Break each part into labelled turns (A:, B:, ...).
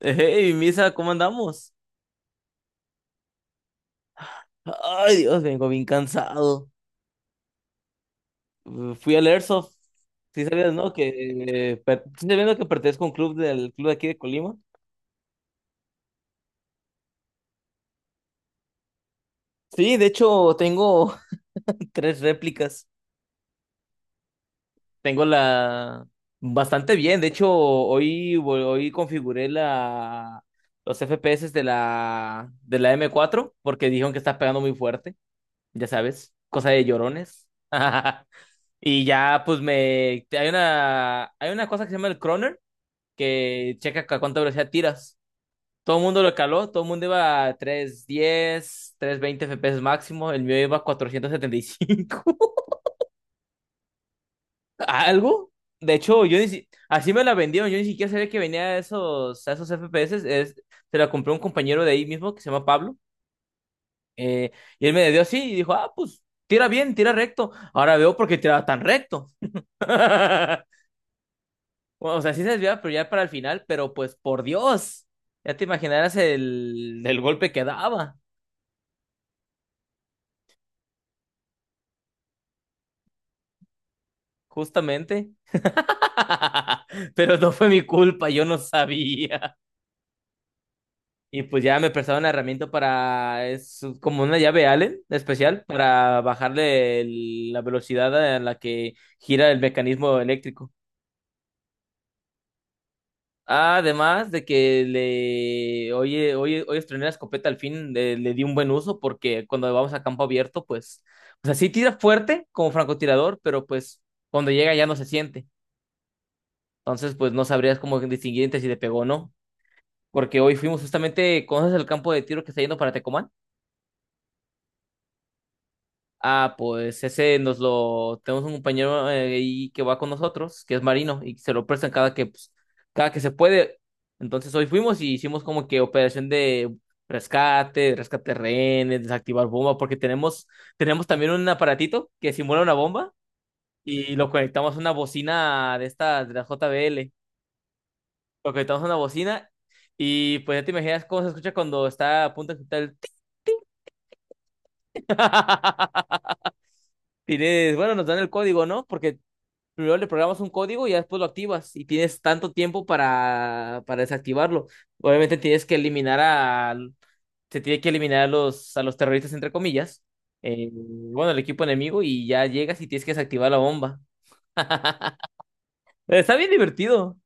A: Hey, Misa, ¿cómo andamos? Ay, Dios, vengo bien cansado. Fui al Airsoft. Sí sabías, ¿no? Sí sabías, no, que pertenezco a un club de aquí de Colima. Sí, de hecho, tengo tres réplicas. Tengo la... Bastante bien. De hecho, hoy, hoy configuré los FPS de la M4 porque dijeron que está pegando muy fuerte. Ya sabes, cosa de llorones. Y ya, pues hay una cosa que se llama el Croner, que checa a cuánta velocidad tiras. Todo el mundo lo caló, todo el mundo iba a 310, 320 FPS máximo, el mío iba a 475. ¿Algo? De hecho, yo ni si... así me la vendieron, yo ni siquiera sabía que venía a esos FPS. Se la compré a un compañero de ahí mismo que se llama Pablo. eh, y él me la dio así y dijo: Ah, pues tira bien, tira recto. Ahora veo por qué tiraba tan recto. Bueno, o sea, sí se desviaba, pero ya para el final, pero pues por Dios, ya te imaginarás el golpe que daba, justamente. Pero no fue mi culpa, yo no sabía. Y pues ya me prestaron la herramienta para, es como una llave Allen especial para bajarle la velocidad a la que gira el mecanismo eléctrico. Ah, además de que le, oye, oye, hoy estrené la escopeta al fin, le di un buen uso porque cuando vamos a campo abierto, pues, o sea, sí tira fuerte como francotirador, pero pues cuando llega ya no se siente. Entonces, pues no sabrías cómo distinguir entre si le pegó o no, porque hoy fuimos justamente. ¿Conoces el campo de tiro que está yendo para Tecomán? Ah, pues ese nos lo tenemos un compañero ahí que va con nosotros, que es marino, y se lo prestan cada que, pues, cada que se puede. Entonces hoy fuimos y hicimos como que operación de rescate, rescate de rehenes, desactivar bomba, porque tenemos también un aparatito que simula una bomba y lo conectamos a una bocina de esta, de la JBL. Lo conectamos a una bocina y pues ya te imaginas cómo se escucha cuando está a punto de explotar Tienes, bueno, nos dan el código, ¿no? Porque primero le programas un código y ya después lo activas y tienes tanto tiempo para desactivarlo. Obviamente tienes que eliminar a, se tiene que eliminar a los terroristas, entre comillas, bueno, el equipo enemigo y ya llegas y tienes que desactivar la bomba. Está bien divertido.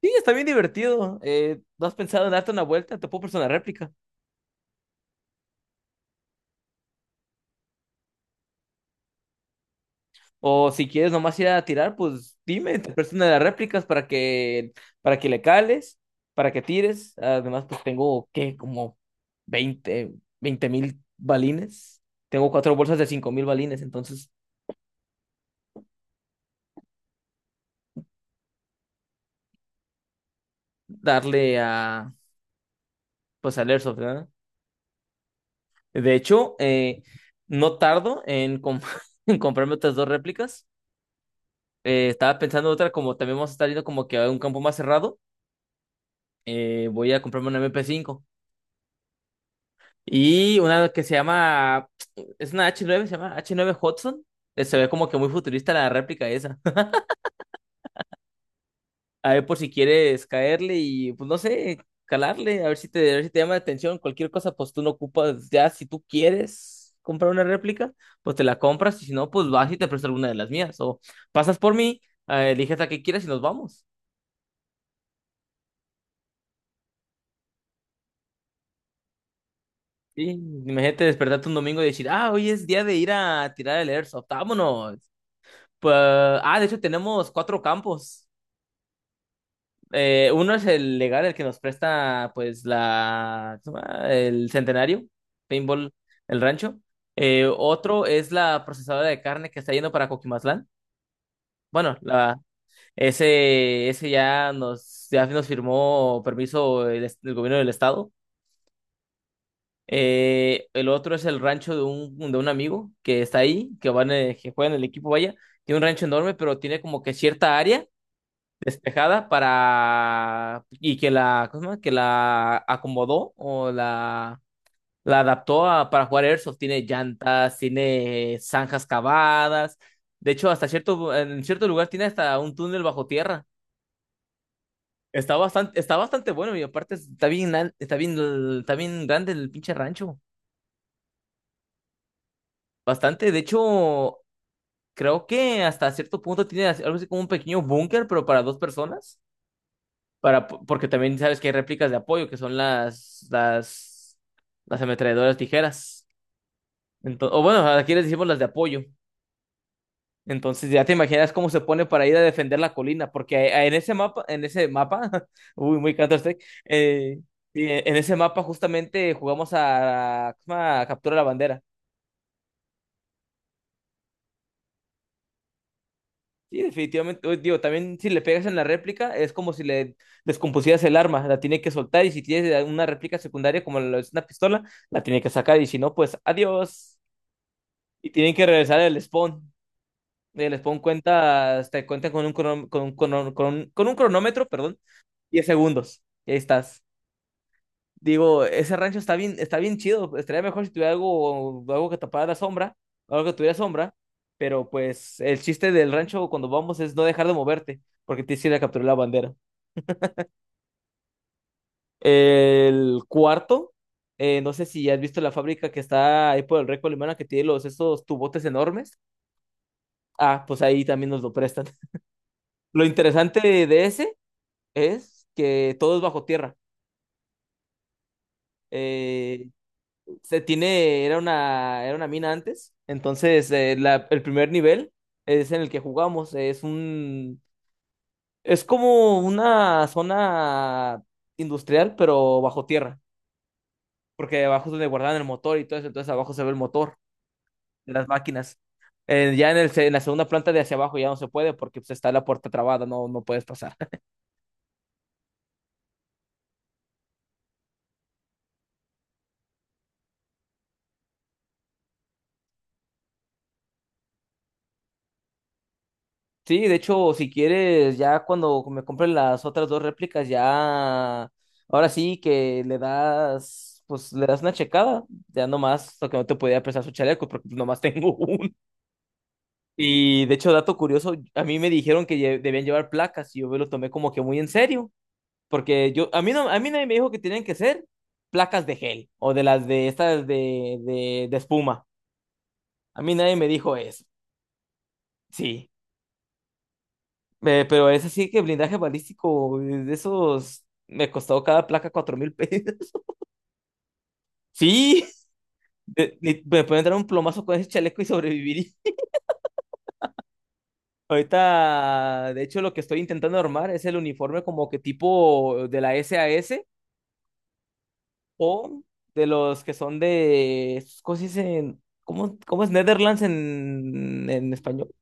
A: Sí, está bien divertido. ¿No has pensado en darte una vuelta? Te puedo prestar una réplica. O si quieres nomás ir a tirar, pues dime, te presto una de las réplicas para que le cales, para que tires. Además, pues tengo, ¿qué? Como 20 20 mil balines. Tengo cuatro bolsas de 5,000 balines, entonces darle a, pues al Airsoft, ¿verdad? De hecho, no tardo en comprarme otras dos réplicas. Estaba pensando otra, como también vamos a estar yendo como que a un campo más cerrado. Voy a comprarme una MP5. Y una que se llama, es una H9, se llama H9 Hudson. Se ve como que muy futurista la réplica esa. A ver por si quieres caerle y, pues no sé, calarle, a ver si te llama la atención. Cualquier cosa, pues tú no ocupas, ya si tú quieres comprar una réplica, pues te la compras y si no, pues vas y te presto alguna de las mías. O pasas por mí, eliges la que quieras y nos vamos. Sí, imagínate despertarte un domingo y decir, ah, hoy es día de ir a tirar el airsoft, vámonos. Pues, ah, de hecho tenemos cuatro campos. Uno es el legal, el que nos presta, pues, la, ¿cómo se llama? El Centenario, Paintball, el rancho. Otro es la procesadora de carne que está yendo para Coquimatlán. Bueno, ese ya nos, firmó permiso el gobierno del estado. El otro es el rancho de un amigo que está ahí, que juega en el equipo, vaya. Tiene un rancho enorme, pero tiene como que cierta área despejada para y que la, ¿cómo se llama? Que la acomodó o la adaptó para jugar Airsoft. Tiene llantas, tiene zanjas cavadas. De hecho, hasta cierto en cierto lugar tiene hasta un túnel bajo tierra. Está bastante bueno y aparte está bien al- está bien grande el pinche rancho. Bastante, de hecho, creo que hasta cierto punto tiene algo así como un pequeño búnker, pero para dos personas. Para, porque también sabes que hay réplicas de apoyo, que son las ametralladoras tijeras. Ento- o bueno, aquí les decimos las de apoyo. Entonces ya te imaginas cómo se pone para ir a defender la colina, porque en ese uy, muy Counter-Strike, y en ese mapa justamente jugamos a captura la bandera. Sí, definitivamente. Uy, digo, también si le pegas en la réplica, es como si le descompusieras el arma, la tiene que soltar y si tienes una réplica secundaria como lo es una pistola, la tiene que sacar y si no, pues adiós. Y tienen que regresar al spawn. El spawn cuenta, te cuenta con un, crono- con un crono- con un cronómetro, perdón, 10 segundos. Y ahí estás. Digo, ese rancho está bien chido. Estaría mejor si tuviera algo que tapara la sombra, algo que tuviera sombra. Pero pues el chiste del rancho cuando vamos es no dejar de moverte, porque te que ir a capturar la bandera. El cuarto, no sé si has visto la fábrica que está ahí por el Reco Alemana que tiene los, esos tubotes enormes. Ah, pues ahí también nos lo prestan. Lo interesante de ese es que todo es bajo tierra. Eh, se tiene, era una mina antes. Entonces, el primer nivel es en el que jugamos. Es como una zona industrial, pero bajo tierra. Porque abajo es donde guardaban el motor y todo eso. Entonces, abajo se ve el motor de las máquinas. Ya en la segunda planta de hacia abajo ya no se puede porque pues, está la puerta trabada, no, no puedes pasar. Sí, de hecho, si quieres, ya cuando me compren las otras dos réplicas, ya, ahora sí que le das, pues le das una checada, ya nomás, lo que no te podía prestar su chaleco, porque pues, nomás tengo uno. Y de hecho, dato curioso, a mí me dijeron que debían llevar placas y yo me lo tomé como que muy en serio, porque a mí no, a mí nadie me dijo que tenían que ser placas de gel o de las de estas de espuma. A mí nadie me dijo eso, sí. Pero es así que blindaje balístico, de esos, me costó cada placa 4,000 pesos. Sí, me pueden dar un plomazo con ese chaleco y sobrevivir. Ahorita, de hecho, lo que estoy intentando armar es el uniforme como que tipo de la SAS o de los que son de, estos, ¿cómo se dice? ¿Cómo es Netherlands en español?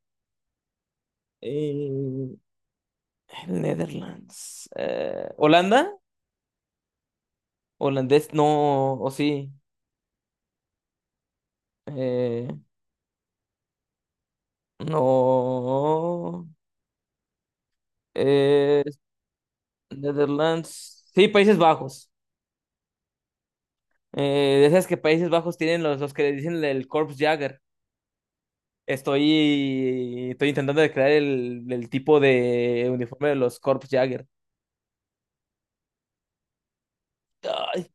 A: Eh, Netherlands. ¿Holanda? ¿Holandés? No, o sí. eh, No. Eh, Netherlands. Sí, Países Bajos. Decías que Países Bajos tienen los que le dicen el Corps Jagger. Estoy intentando de crear el tipo de uniforme de los Corps Jagger. Ay.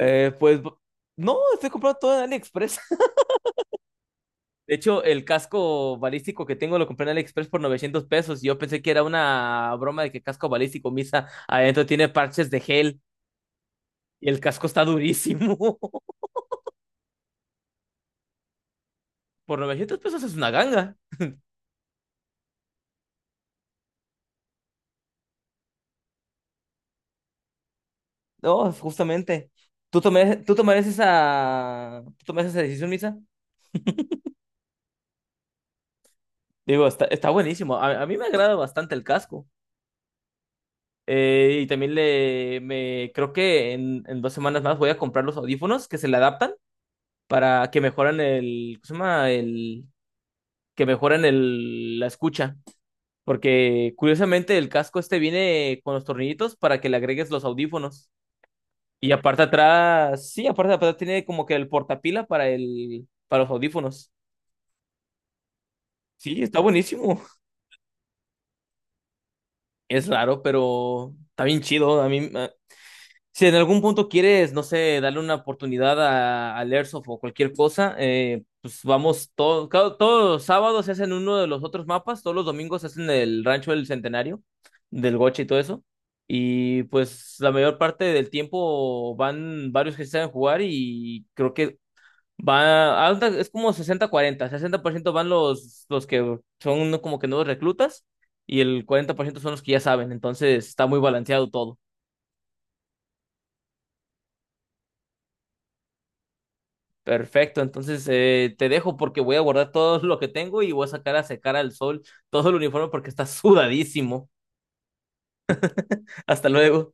A: Pues no, estoy comprando todo en AliExpress. De hecho, el casco balístico que tengo lo compré en AliExpress por 900 pesos, y yo pensé que era una broma de que casco balístico, Misa, adentro tiene parches de gel y el casco está durísimo. Por 900 pesos es una ganga. No, justamente. ¿Tú tomarías esa decisión, Misa? Digo, está buenísimo. A mí me agrada bastante el casco. Y también le me creo que en 2 semanas más voy a comprar los audífonos que se le adaptan para que mejoran el, ¿cómo se llama? El, que mejoran la escucha. Porque curiosamente el casco este viene con los tornillitos para que le agregues los audífonos. Y aparte atrás, sí, aparte atrás tiene como que el portapila para los audífonos. Sí, está buenísimo. Es raro, pero está bien chido. A mí, si en algún punto quieres, no sé, darle una oportunidad al Airsoft o cualquier cosa, pues vamos, todo, todos los sábados se hacen uno de los otros mapas, todos los domingos se hacen el Rancho del Centenario, del Goche y todo eso. Y pues la mayor parte del tiempo van varios que se saben jugar y creo que es como sesenta cuarenta. 60% van los que son como que nuevos reclutas y el 40% son los que ya saben. Entonces está muy balanceado todo. Perfecto, entonces te dejo porque voy a guardar todo lo que tengo y voy a sacar a secar al sol todo el uniforme porque está sudadísimo. Hasta luego.